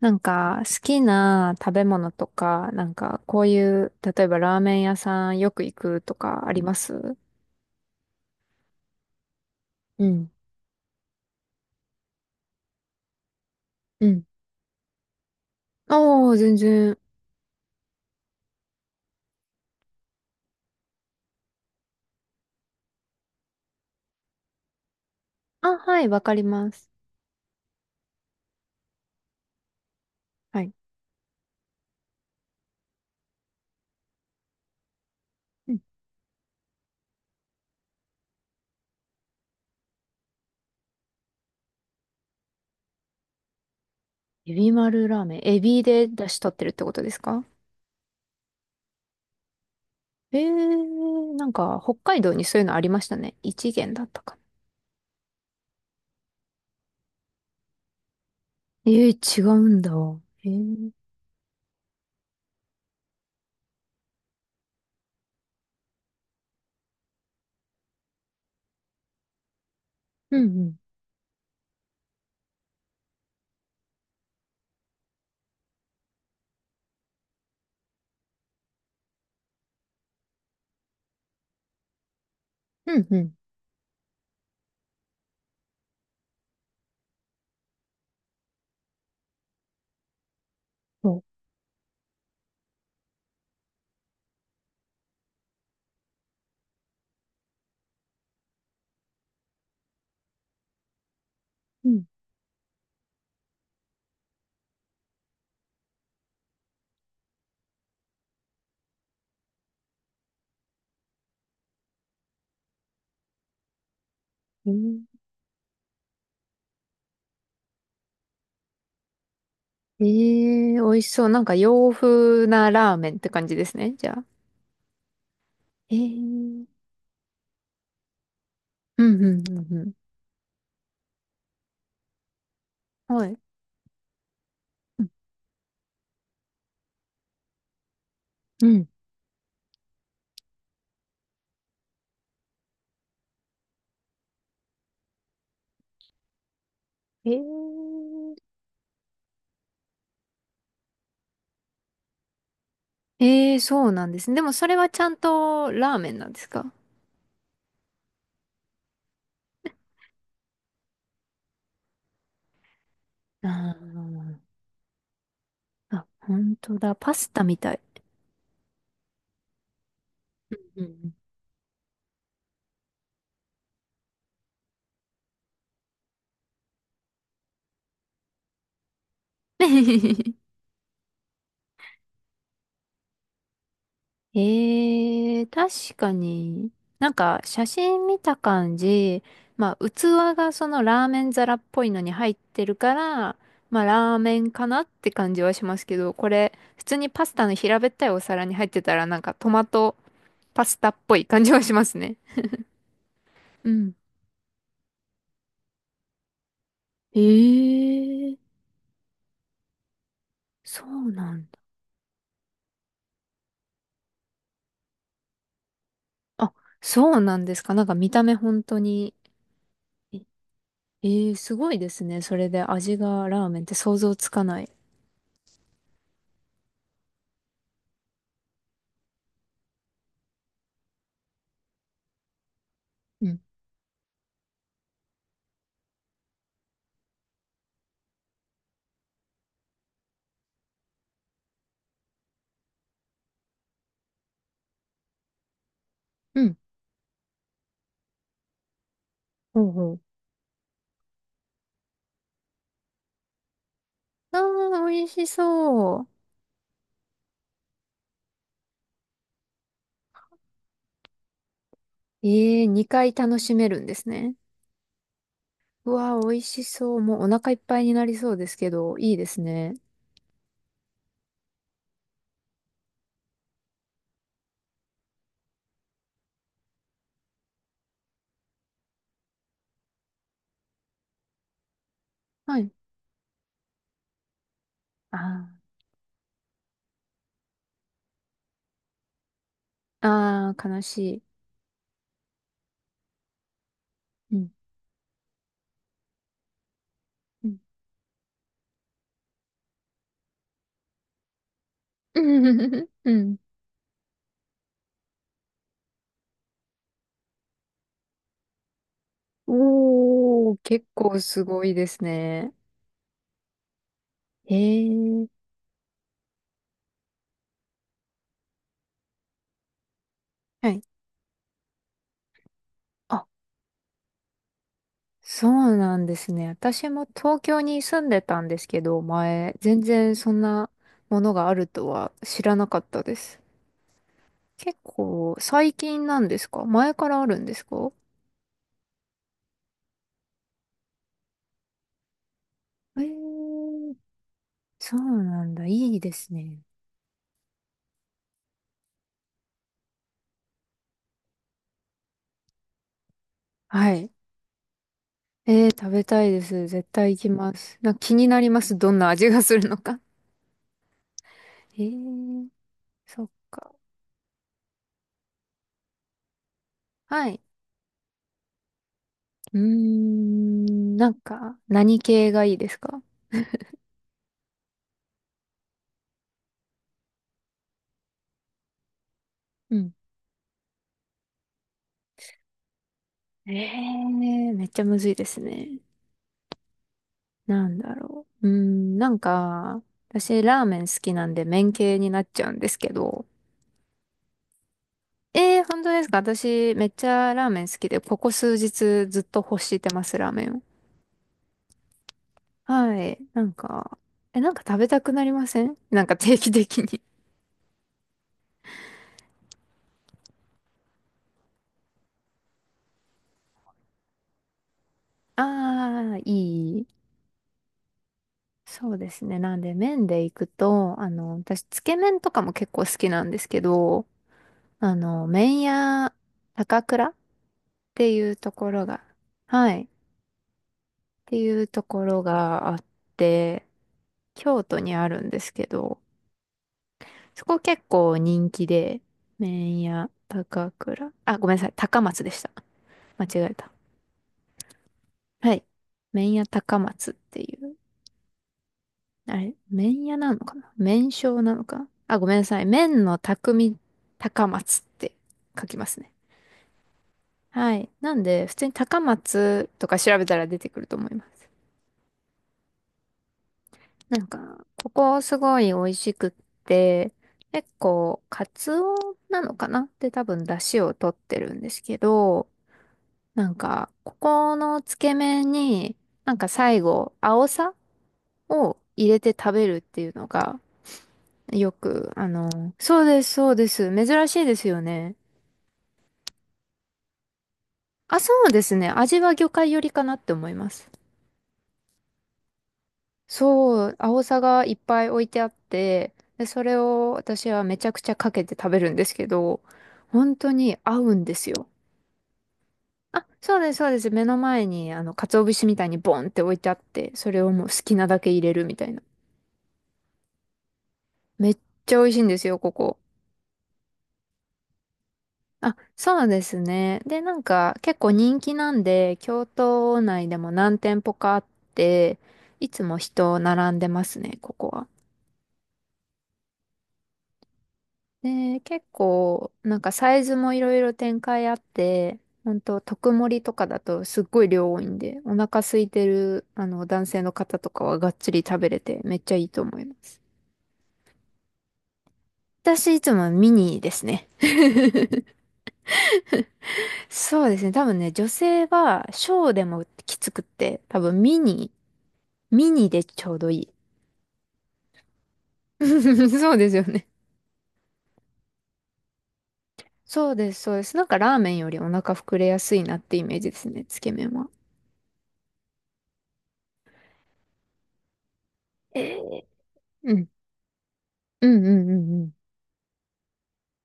なんか、好きな食べ物とか、なんか、こういう、例えばラーメン屋さんよく行くとかあります？うん、うん。あー全然。あ、はい、わかります。はい。うん。エビ丸ラーメン。エビで出し取ってるってことですか？なんか、北海道にそういうのありましたね。一元だったかな。えー、違うんだ。えー、うん、うん、うん、うん。そう。うん、えー、えー美味しそう。なんか洋風なラーメンって感じですね。じゃあ。ええ、うん、うんうんうん。はい。うん。えー、ええ、そうなんですね。でもそれはちゃんとラーメンなんですか？あーあ、本当だ。パスタみたい。うん。ええ、確かに。なんか写真見た感じ、まあ器がそのラーメン皿っぽいのに入ってるから、まあラーメンかなって感じはしますけど、これ普通にパスタの平べったいお皿に入ってたらなんかトマトパスタっぽい感じはしますね。うん。ええ、そうなんだ。あ、そうなんですか。なんか見た目本当に。えええ、すごいですね。それで味がラーメンって想像つかない。うん。うん。ほうほう。ああ、美味しそう。ええ、2回楽しめるんですね。うわー、美味しそう。もうお腹いっぱいになりそうですけど、いいですね。はい。ああ、ああ、悲しい。うん。うん。うん。おー、結構すごいですね。へえ。はい。あ、そうなんですね。私も東京に住んでたんですけど、前、全然そんなものがあるとは知らなかったです。結構最近なんですか？前からあるんですか？えー、そうなんだ。いいですね。はい。えー、食べたいです。絶対行きます。なんか気になります。どんな味がするのか。えー、そっか。はい。うーん、なんか、何系がいいですか？うん。ええー、めっちゃむずいですね。なんだろう。うーん、なんか、私、ラーメン好きなんで、麺系になっちゃうんですけど。ええー、本当ですか？私、めっちゃラーメン好きで、ここ数日ずっと欲してます、ラーメンを。はい。なんか、え、なんか食べたくなりません？なんか定期的に。ああ、いい。そうですね。なんで麺で行くと、あの、私、つけ麺とかも結構好きなんですけど、あの、麺屋高倉っていうところが、はい、っていうところがあって、京都にあるんですけど、そこ結構人気で、麺屋高倉、あ、ごめんなさい、高松でした。間違えた。はい。麺屋高松っていう、あれ、麺屋なのかな、麺匠なのか、あ、ごめんなさい。麺の匠高松って書きますね。はい。なんで、普通に高松とか調べたら出てくると思います。なんか、ここすごい美味しくって、結構、カツオなのかなって多分出汁を取ってるんですけど、なんか、ここのつけ麺に、なんか最後、青さを入れて食べるっていうのが、よく、あの、そうです、そうです。珍しいですよね。あ、そうですね。味は魚介寄りかなって思います。そう、青さがいっぱい置いてあって、で、それを私はめちゃくちゃかけて食べるんですけど、本当に合うんですよ。あ、そうです、そうです。目の前に、あの、鰹節みたいにボンって置いてあって、それをもう好きなだけ入れるみたいな。めっちゃ美味しいんですよ、ここ。あ、そうですね。で、なんか結構人気なんで、京都内でも何店舗かあって、いつも人並んでますね、ここは。で、結構なんかサイズもいろいろ展開あって、ほんと特盛りとかだとすっごい量多いんで、お腹空いてるあの男性の方とかはがっつり食べれてめっちゃいいと思います。私いつもミニですね。そうですね。多分ね、女性は小でもきつくって、多分ミニでちょうどいい。そうですよね。そうです、そうです。なんかラーメンよりお腹膨れやすいなってイメージですね、つけ麺は。えー、うん。うん、うんうんうん。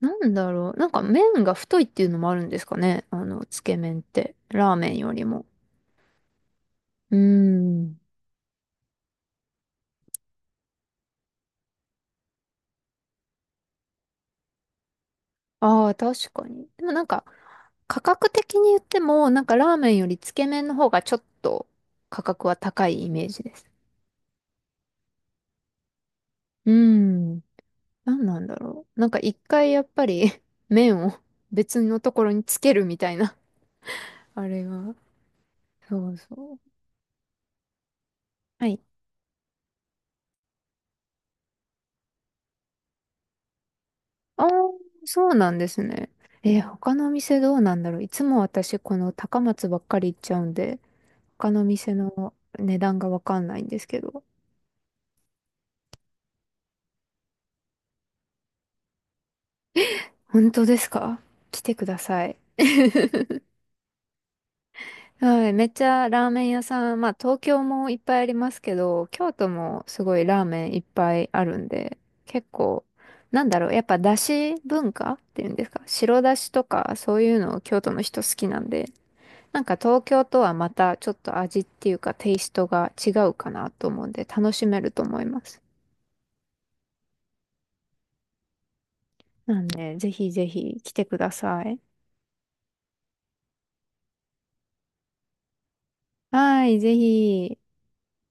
なんだろう。なんか麺が太いっていうのもあるんですかね。あの、つけ麺って。ラーメンよりも。うーん。ああ、確かに。でもなんか、価格的に言っても、なんかラーメンよりつけ麺の方がちょっと価格は高いイメージです。うーん。何なんだろう。なんか一回やっぱり、 麺を別のところにつけるみたいな。あれが。そうそう。はい。ああ、そうなんですね。えー、他のお店どうなんだろう。いつも私この高松ばっかり行っちゃうんで、他のお店の値段がわかんないんですけど。本当ですか？来てください。はい、めっちゃラーメン屋さん、まあ東京もいっぱいありますけど、京都もすごいラーメンいっぱいあるんで、結構、なんだろう、やっぱだし文化っていうんですか、白だしとかそういうのを京都の人好きなんで、なんか東京とはまたちょっと味っていうかテイストが違うかなと思うんで、楽しめると思います。なんで、ぜひぜひ来てください。はい、ぜひ。